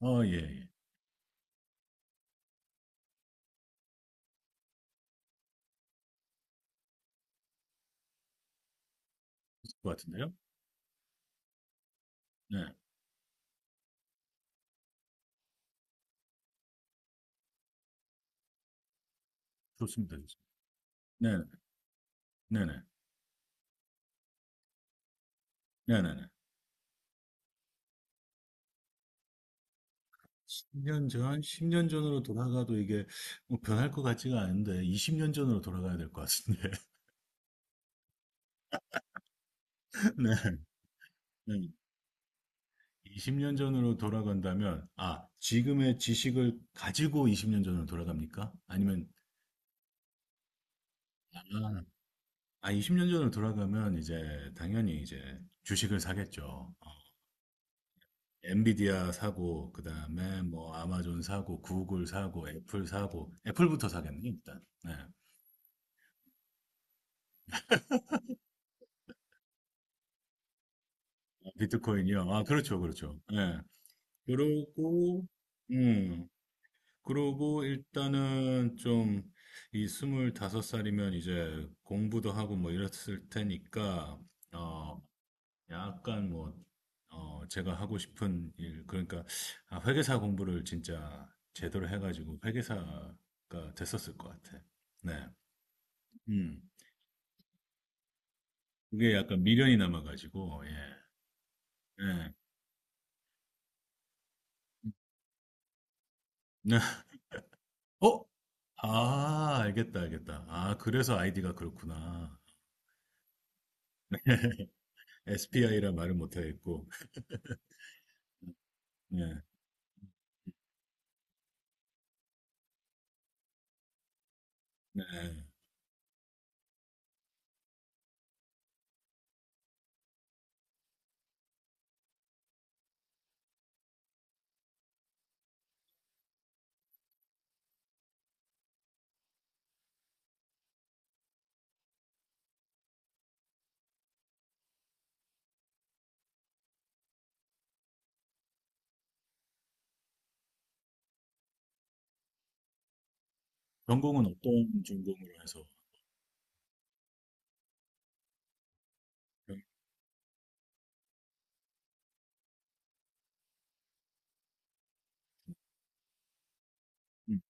어, 예, 예. 있을 것 같은데요? 네, 좋습니다. 좋습니다. 네, 네네, 네네네. 10년 전, 10년 전으로 돌아가도 이게 뭐 변할 것 같지가 않은데, 20년 전으로 돌아가야 될 것 같은데. 네, 네. 20년 전으로 돌아간다면, 아, 지금의 지식을 가지고 20년 전으로 돌아갑니까? 아니면, 아, 20년 전으로 돌아가면 이제 당연히 이제 주식을 사겠죠. 엔비디아 사고, 그 다음에 뭐 아마존 사고, 구글 사고, 애플 사고, 애플부터 사겠네, 일단. 네. 비트코인이요. 아, 그렇죠, 그렇죠. 예. 그러고, 음, 그러고 일단은 좀 이 25살이면 이제 공부도 하고 뭐 이랬을 테니까, 어, 약간 뭐, 제가 하고 싶은 일, 그러니까, 아, 회계사 공부를 진짜 제대로 해가지고 회계사가 됐었을 것 같아. 네. 음. 그게 약간 미련이 남아가지고, 예. 예. 네. 어? 아, 알겠다, 알겠다. 아, 그래서 아이디가 그렇구나. SPI라 말을 못하겠고. 네, 네. 전공은 어떤 전공으로 해서? 음,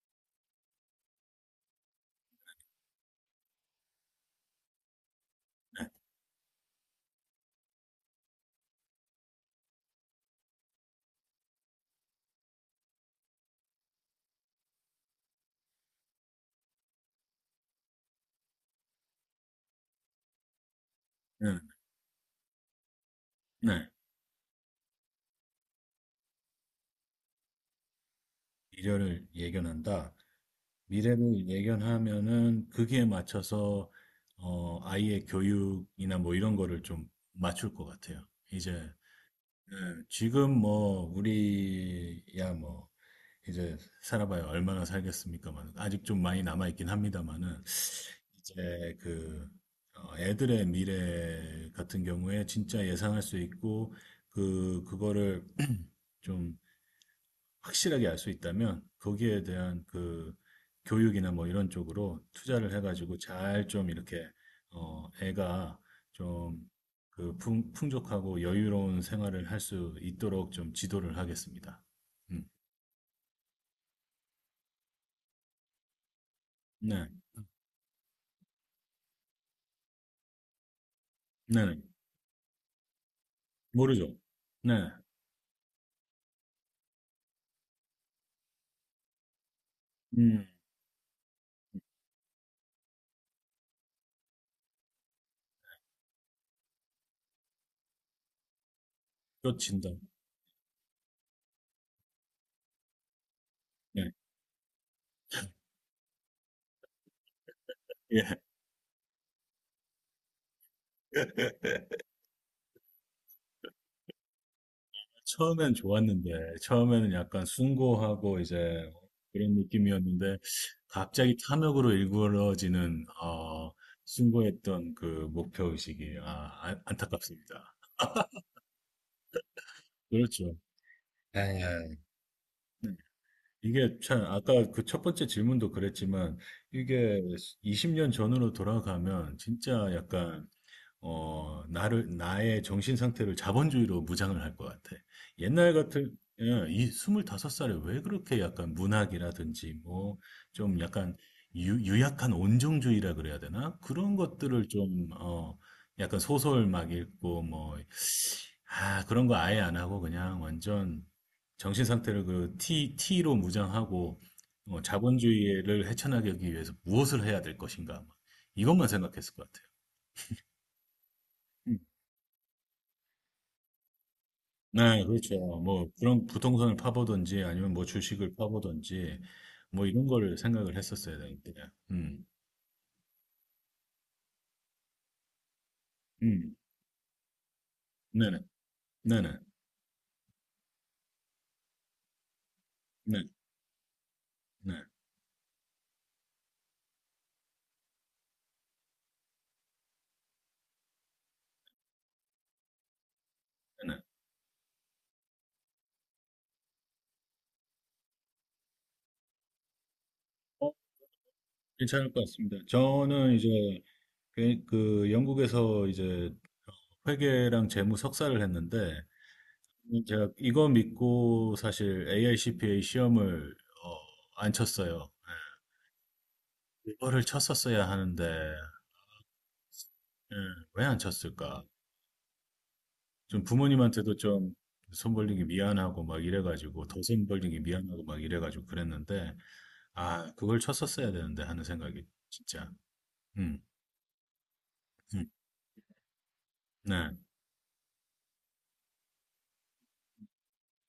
네, 네. 미래를 예견한다. 미래를 예견하면은 거기에 맞춰서 아이의 교육이나 뭐 이런 거를 좀 맞출 것 같아요. 이제 예, 지금 뭐 우리야 뭐 이제 살아봐야 얼마나 살겠습니까만 아직 좀 많이 남아 있긴 합니다만은 이제 그 애들의 미래 같은 경우에 진짜 예상할 수 있고 그거를 좀 확실하게 알 수 있다면 거기에 대한 그 교육이나 뭐 이런 쪽으로 투자를 해가지고 잘 좀 이렇게 애가 좀 그 풍족하고 여유로운 생활을 할 수 있도록 좀 지도를 하겠습니다. 음. 네, 네, 네. 모르죠. 네, 음, 또 진다. 네, 예. 처음엔 좋았는데, 처음에는 약간 숭고하고 이제 그런 느낌이었는데, 갑자기 탐욕으로 일그러지는, 어, 숭고했던 그 목표의식이, 아, 안타깝습니다. 그렇죠. 예. 이게 참, 아까 그 첫 번째 질문도 그랬지만, 이게 20년 전으로 돌아가면 진짜 약간, 나의 정신 상태를 자본주의로 무장을 할 것 같아. 옛날 같은, 예, 이 25살에 왜 그렇게 약간 문학이라든지, 뭐, 좀 약간 유약한 온정주의라 그래야 되나? 그런 것들을 좀, 약간 소설 막 읽고, 뭐, 아, 그런 거 아예 안 하고 그냥 완전 정신 상태를 그 T로 무장하고, 자본주의를 헤쳐나가기 위해서 무엇을 해야 될 것인가. 막 이것만 생각했을 것 같아요. 네, 그렇죠. 뭐 그런 부동산을 파보든지 아니면 뭐 주식을 파보든지 뭐 이런 걸 생각을 했었어야 되는데. 음, 음, 네네, 네네, 네, 네, 네. 어, 괜찮을 것 같습니다. 저는 이제 그 영국에서 이제 회계랑 재무 석사를 했는데 제가 이거 믿고 사실 AICPA 시험을 어, 안 쳤어요. 이거를 쳤었어야 하는데 예, 왜안 쳤을까? 좀 부모님한테도 좀 손 벌린 게 미안하고 막 이래가지고 더 손 벌린 게 미안하고 막 이래가지고 그랬는데 아 그걸 쳤었어야 되는데 하는 생각이 진짜 음, 음, 네,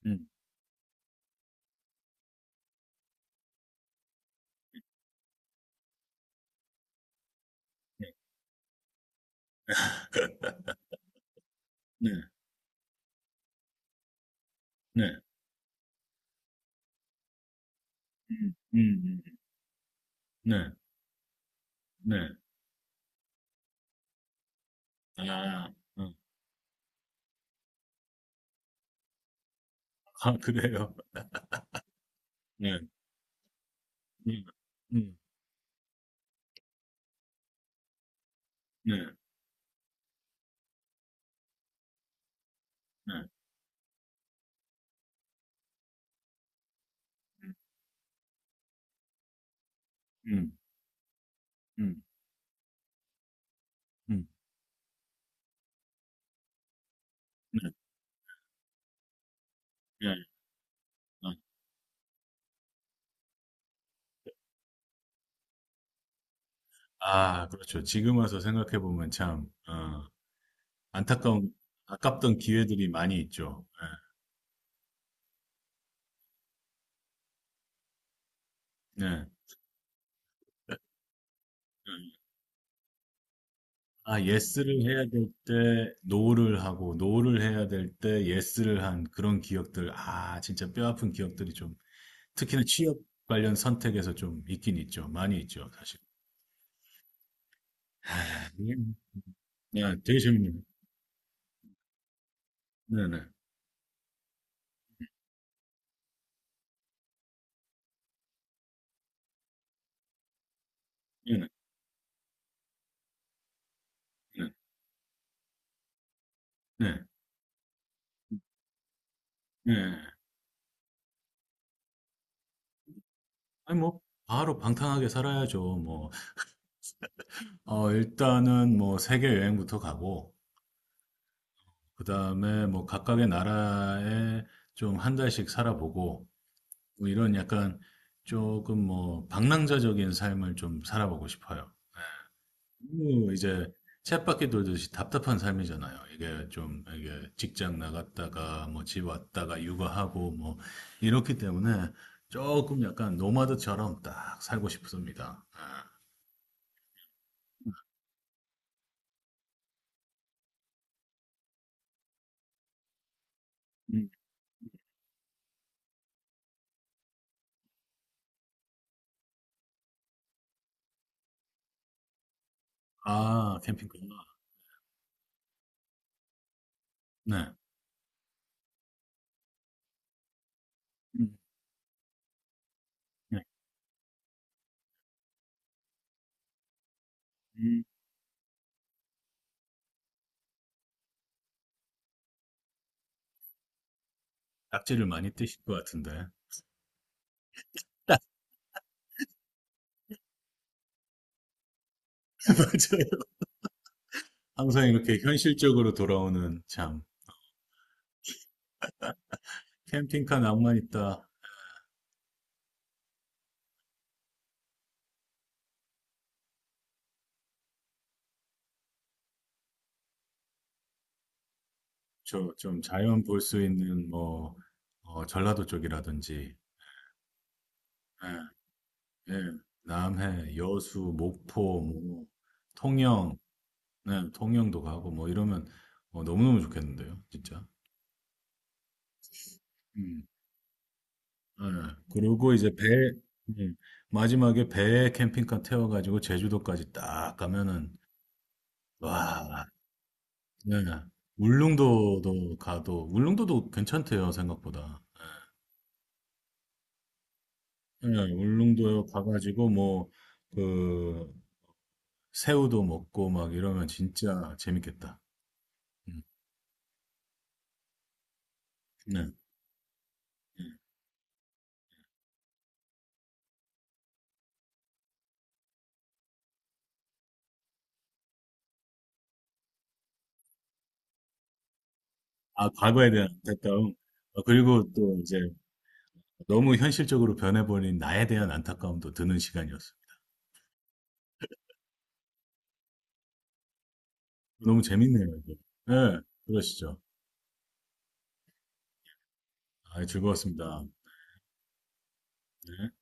음, 네, 네, 네, 음, 음, 음, 음. 네, 네, 아, 어, 아 그래요, 네, 음, 음, 네, 네, 음, 음, 음, 네, 네, 네. 아 그렇죠. 지금 와서 생각해 보면 참 안타까운 아깝던 기회들이 많이 있죠. 네. 네. 음. 아, 예스를 해야 될 때 노를 하고 노를 해야 될 때 예스를 한 그런 기억들. 아, 진짜 뼈아픈 기억들이 좀 특히나 취업 관련 선택에서 좀 있긴 있죠. 많이 있죠, 사실. 아, 예. 네, 되게 재밌네요. 네네. 네네. 네. 네. 네. 네. 네. 아니, 뭐, 바로 방탕하게 살아야죠. 뭐, 일단은 뭐, 세계 여행부터 가고, 그 다음에 뭐, 각각의 나라에 좀 한 달씩 살아보고, 뭐 이런 약간 조금 뭐 방랑자적인 삶을 좀 살아보고 싶어요. 너무 이제 쳇바퀴 돌듯이 답답한 삶이잖아요. 이게 좀 이게 직장 나갔다가 뭐 집 왔다가 육아하고 뭐 이렇기 때문에 조금 약간 노마드처럼 딱 살고 싶습니다. 네. 아, 캠핑카. 네. 음, 네. 음. 낙지를 많이 뜨실 것 같은데. 맞아요. 항상 이렇게 현실적으로 돌아오는 참 캠핑카 낭만 있다. 저 좀 자연 볼 수 있는 뭐 전라도 쪽이라든지 예, 예, 남해, 여수, 목포, 뭐 통영, 네, 통영도 가고 뭐 이러면 너무너무 좋겠는데요, 진짜. 음, 예. 그리고 이제 배 음, 마지막에 배에 캠핑카 태워가지고 제주도까지 딱 가면은 와, 네. 울릉도도 가도 울릉도도 괜찮대요 생각보다. 예, 울릉도 가가지고 뭐그 새우도 먹고 막 이러면 진짜 재밌겠다. 음. 네. 아, 과거에 대한 안타까움. 아, 그리고 또 이제 너무 현실적으로 변해버린 나에 대한 안타까움도 드는 시간이었어요. 너무 재밌네요. 이게. 네, 그러시죠. 아, 즐거웠습니다. 네.